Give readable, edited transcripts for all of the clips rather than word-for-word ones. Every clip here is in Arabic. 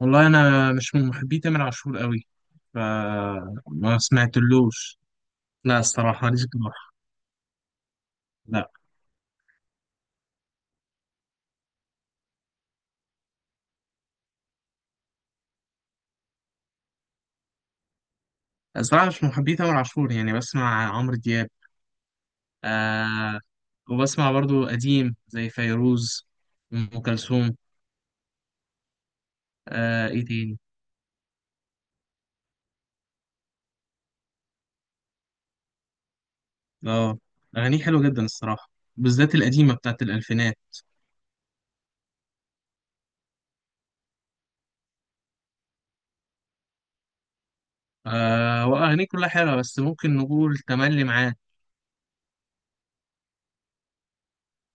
والله انا مش من محبي تامر عاشور قوي، فما سمعتلوش. لا، الصراحه ماليش جراح. لا. الصراحه مش من محبي تامر عاشور، يعني بسمع عمرو دياب. آه. وبسمع برضو قديم زي فيروز، ام كلثوم. آه، ايه تاني. اه، اغانيه حلوه جدا الصراحه، بالذات القديمه بتاعت الالفينات. آه، واغانيه كلها حلوه، بس ممكن نقول تملي معاه.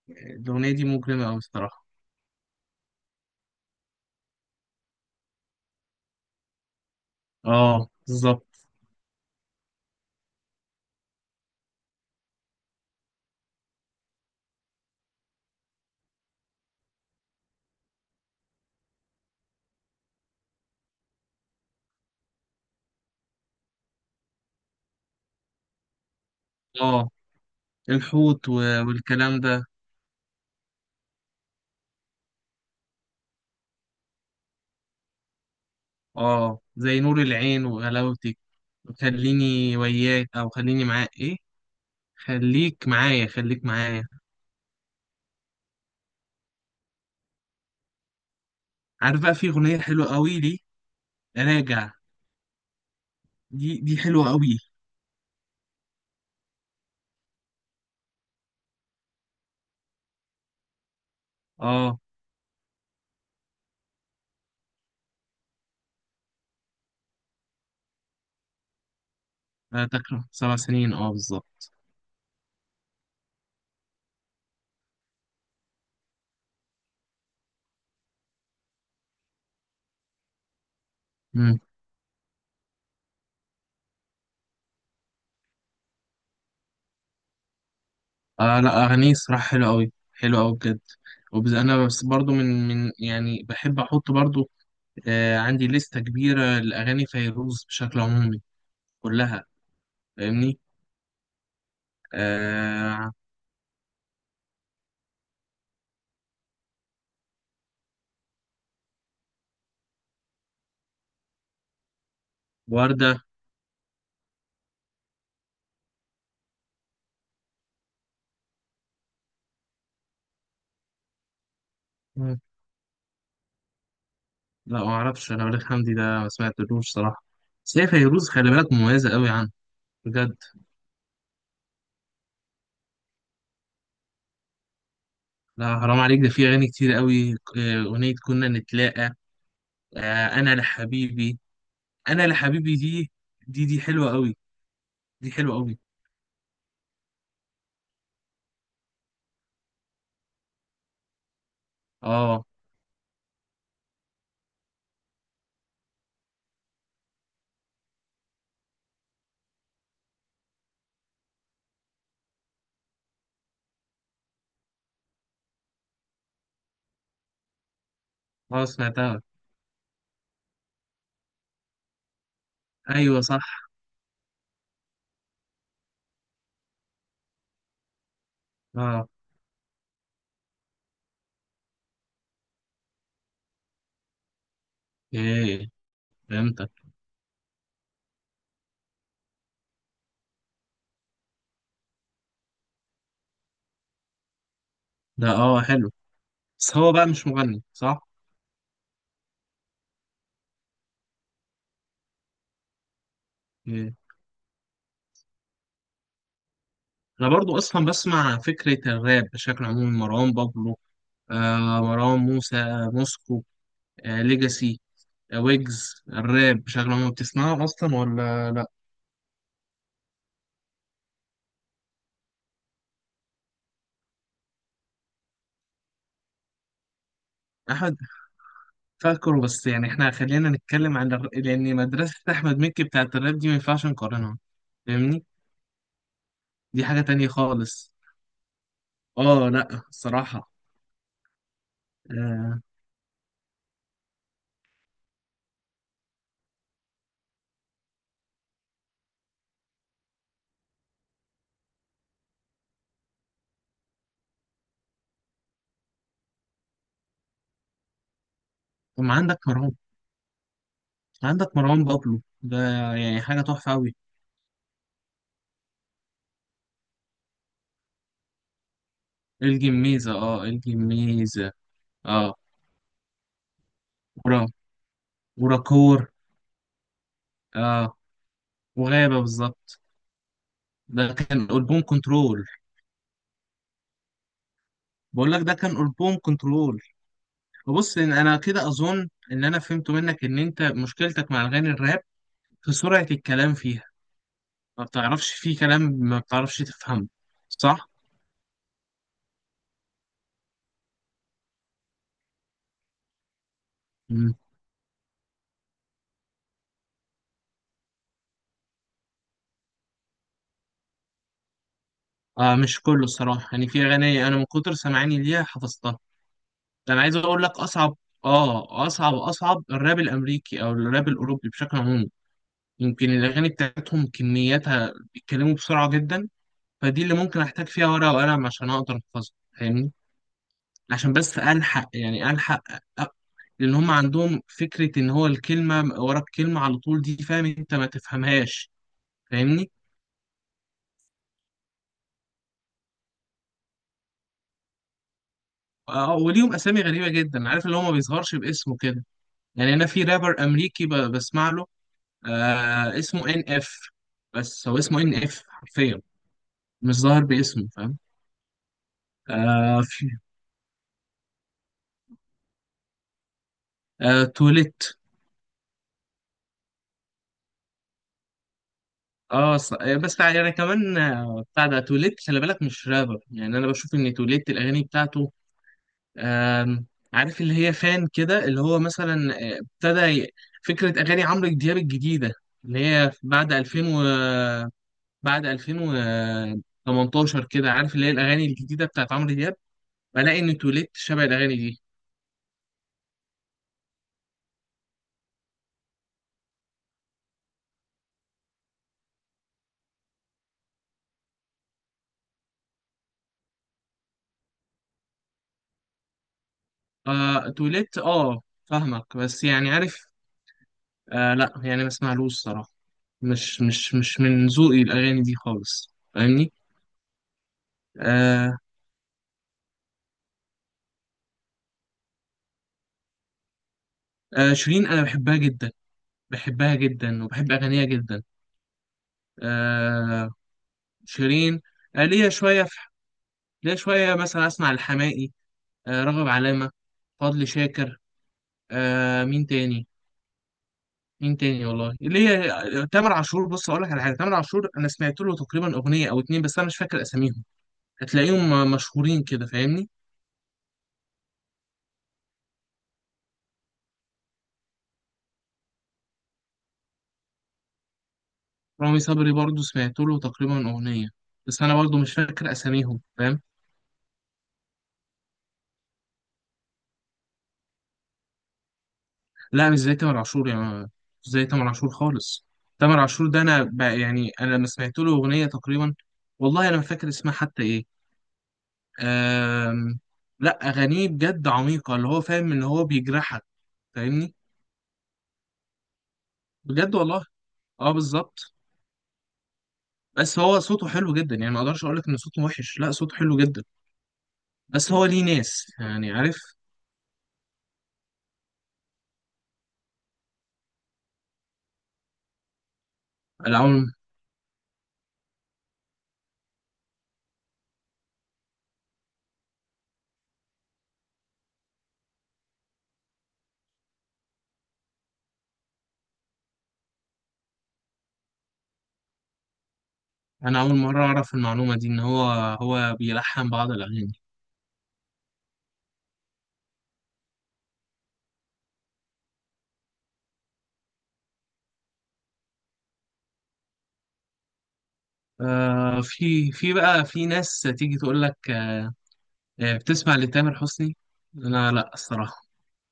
الاغنيه دي مجرمه قوي الصراحه. اه بالظبط. اه الحوت والكلام ده. اه، زي نور العين وغلاوتك. خليني وياك او خليني معاك، ايه خليك معايا، خليك معايا. عارف بقى في اغنيه حلوه قوي لي، راجع. دي حلوه قوي. اه، لا تكره، 7 سنين اه بالظبط. مم. اه، لا اغانيه صراحه حلوه قوي، حلوه قوي بجد. انا بس برضو من يعني بحب احط برضو آه، عندي لستة كبيره لاغاني فيروز بشكل عمومي، كلها. فاهمني؟ آه، وردة. لا ما اعرفش، انا وليد حمدي ده ما سمعتلوش صراحه. بس هي فيروز خلي بالك مميزه قوي عنه، بجد. لا حرام عليك، ده في اغاني كتير قوي. آه، اغنيه كنا نتلاقى. آه، انا لحبيبي. انا لحبيبي دي. دي حلوه قوي. دي حلوه قوي. اه، اه، سمعتها. ايوه صح. اه، ايه، فهمتك. ده اه حلو، بس هو بقى مش مغني صح؟ إيه. انا برضو اصلا بسمع فكره الراب بشكل عمومي، مروان بابلو، آه مروان موسى، موسكو، آه ليجاسي، ويجز. الراب بشكل عام بتسمعه اصلا ولا لا؟ احمد. فاكره، بس يعني احنا خلينا نتكلم عن لان مدرسة احمد مكي بتاعت الراب دي ما ينفعش نقارنها. فاهمني؟ دي حاجة تانية خالص. اه، لا الصراحة. آه. طب ما عندك مروان، عندك مروان بابلو ده، يعني حاجة تحفة أوي. الجميزة، اه الجميزة. اه ورا، وراكور. اه، وغابة بالظبط. ده كان ألبوم كنترول. بقول لك ده كان ألبوم كنترول. بص، إن انا كده اظن ان انا فهمت منك ان انت مشكلتك مع اغاني الراب في سرعة الكلام فيها، ما بتعرفش فيه كلام ما بتعرفش تفهمه. صح؟ مم. آه، مش كله الصراحة، يعني في اغاني انا من كتر سمعاني ليها حفظتها. ده انا عايز اقول لك اصعب، اه اصعب الراب الامريكي او الراب الاوروبي بشكل عام. يمكن الاغاني بتاعتهم كمياتها بيتكلموا بسرعة جدا، فدي اللي ممكن احتاج فيها ورقة وقلم عشان اقدر احفظها. فاهمني؟ عشان بس الحق، يعني الحق، لان هم عندهم فكره ان هو الكلمه ورا الكلمه على طول، دي فاهم انت ما تفهمهاش. فاهمني؟ آه، آه، وليهم اسامي غريبه جدا، عارف اللي هو ما بيظهرش باسمه كده. يعني انا في رابر امريكي بسمع له، آه اسمه NF. بس هو اسمه NF حرفيا، مش ظاهر باسمه، فاهم؟ آه في. آه توليت. اه آه، بس يعني كمان آه، بتاع ده توليت خلي بالك مش رابر. يعني انا بشوف ان توليت الاغاني بتاعته آم، عارف اللي هي فان كده، اللي هو مثلا آه، فكرة أغاني عمرو دياب الجديدة، اللي هي بعد 2000 و بعد 2018 كده، عارف اللي هي الأغاني الجديدة بتاعت عمرو دياب. بلاقي إن توليت شبه الأغاني دي. آه توليت، آه فاهمك، بس يعني عارف. آه، لا يعني ما اسمعلوش صراحة، مش من ذوقي الأغاني دي خالص. فاهمني؟ آه. آه شيرين، أنا بحبها جدا، بحبها جدا وبحب أغانيها جدا. آه، شيرين. آه، ليا شوية في، ليا شوية مثلا أسمع الحماقي، آه راغب علامة، فضل شاكر، آه مين تاني، مين تاني والله، ليا آه، تامر عاشور. بص أقول لك على حاجة، تامر عاشور أنا سمعت له تقريبا أغنية أو 2، بس أنا مش فاكر أساميهم. هتلاقيهم آه، مشهورين كده، فاهمني؟ رامي صبري برضو سمعت له تقريبا أغنية، بس أنا برضو مش فاكر أساميهم، فاهم؟ لا مش زي تامر عاشور يعني، مش زي تامر عاشور خالص. تامر عاشور ده أنا بقى يعني أنا لما سمعت له أغنية تقريبا، والله أنا ما فاكر اسمها حتى إيه. آم، لا اغانيه بجد عميقه، اللي هو فاهم ان هو بيجرحك، فاهمني؟ بجد والله. اه بالظبط. بس هو صوته حلو جدا يعني، ما اقدرش اقول لك ان صوته وحش، لا صوته حلو جدا. بس هو ليه ناس يعني، عارف؟ انا اول انا اول مره اعرف المعلومه دي، ان هو بيلحن بعض الاغاني. آه في ناس تيجي تقول لك آه، آه، بتسمع لتامر حسني. انا لا الصراحه،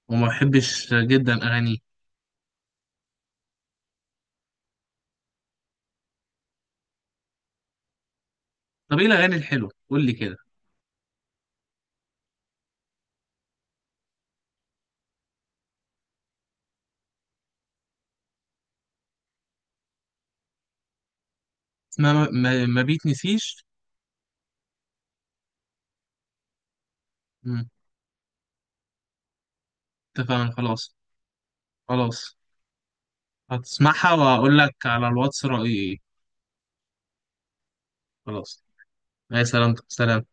وما بحبش جدا اغانيه. طب ايه الاغاني الحلوه، قول لي كده. ما بيتنسيش. مم، اتفقنا، خلاص. خلاص، هتسمعها وأقول لك على الواتس رأيي إيه. خلاص. يا سلام، سلام.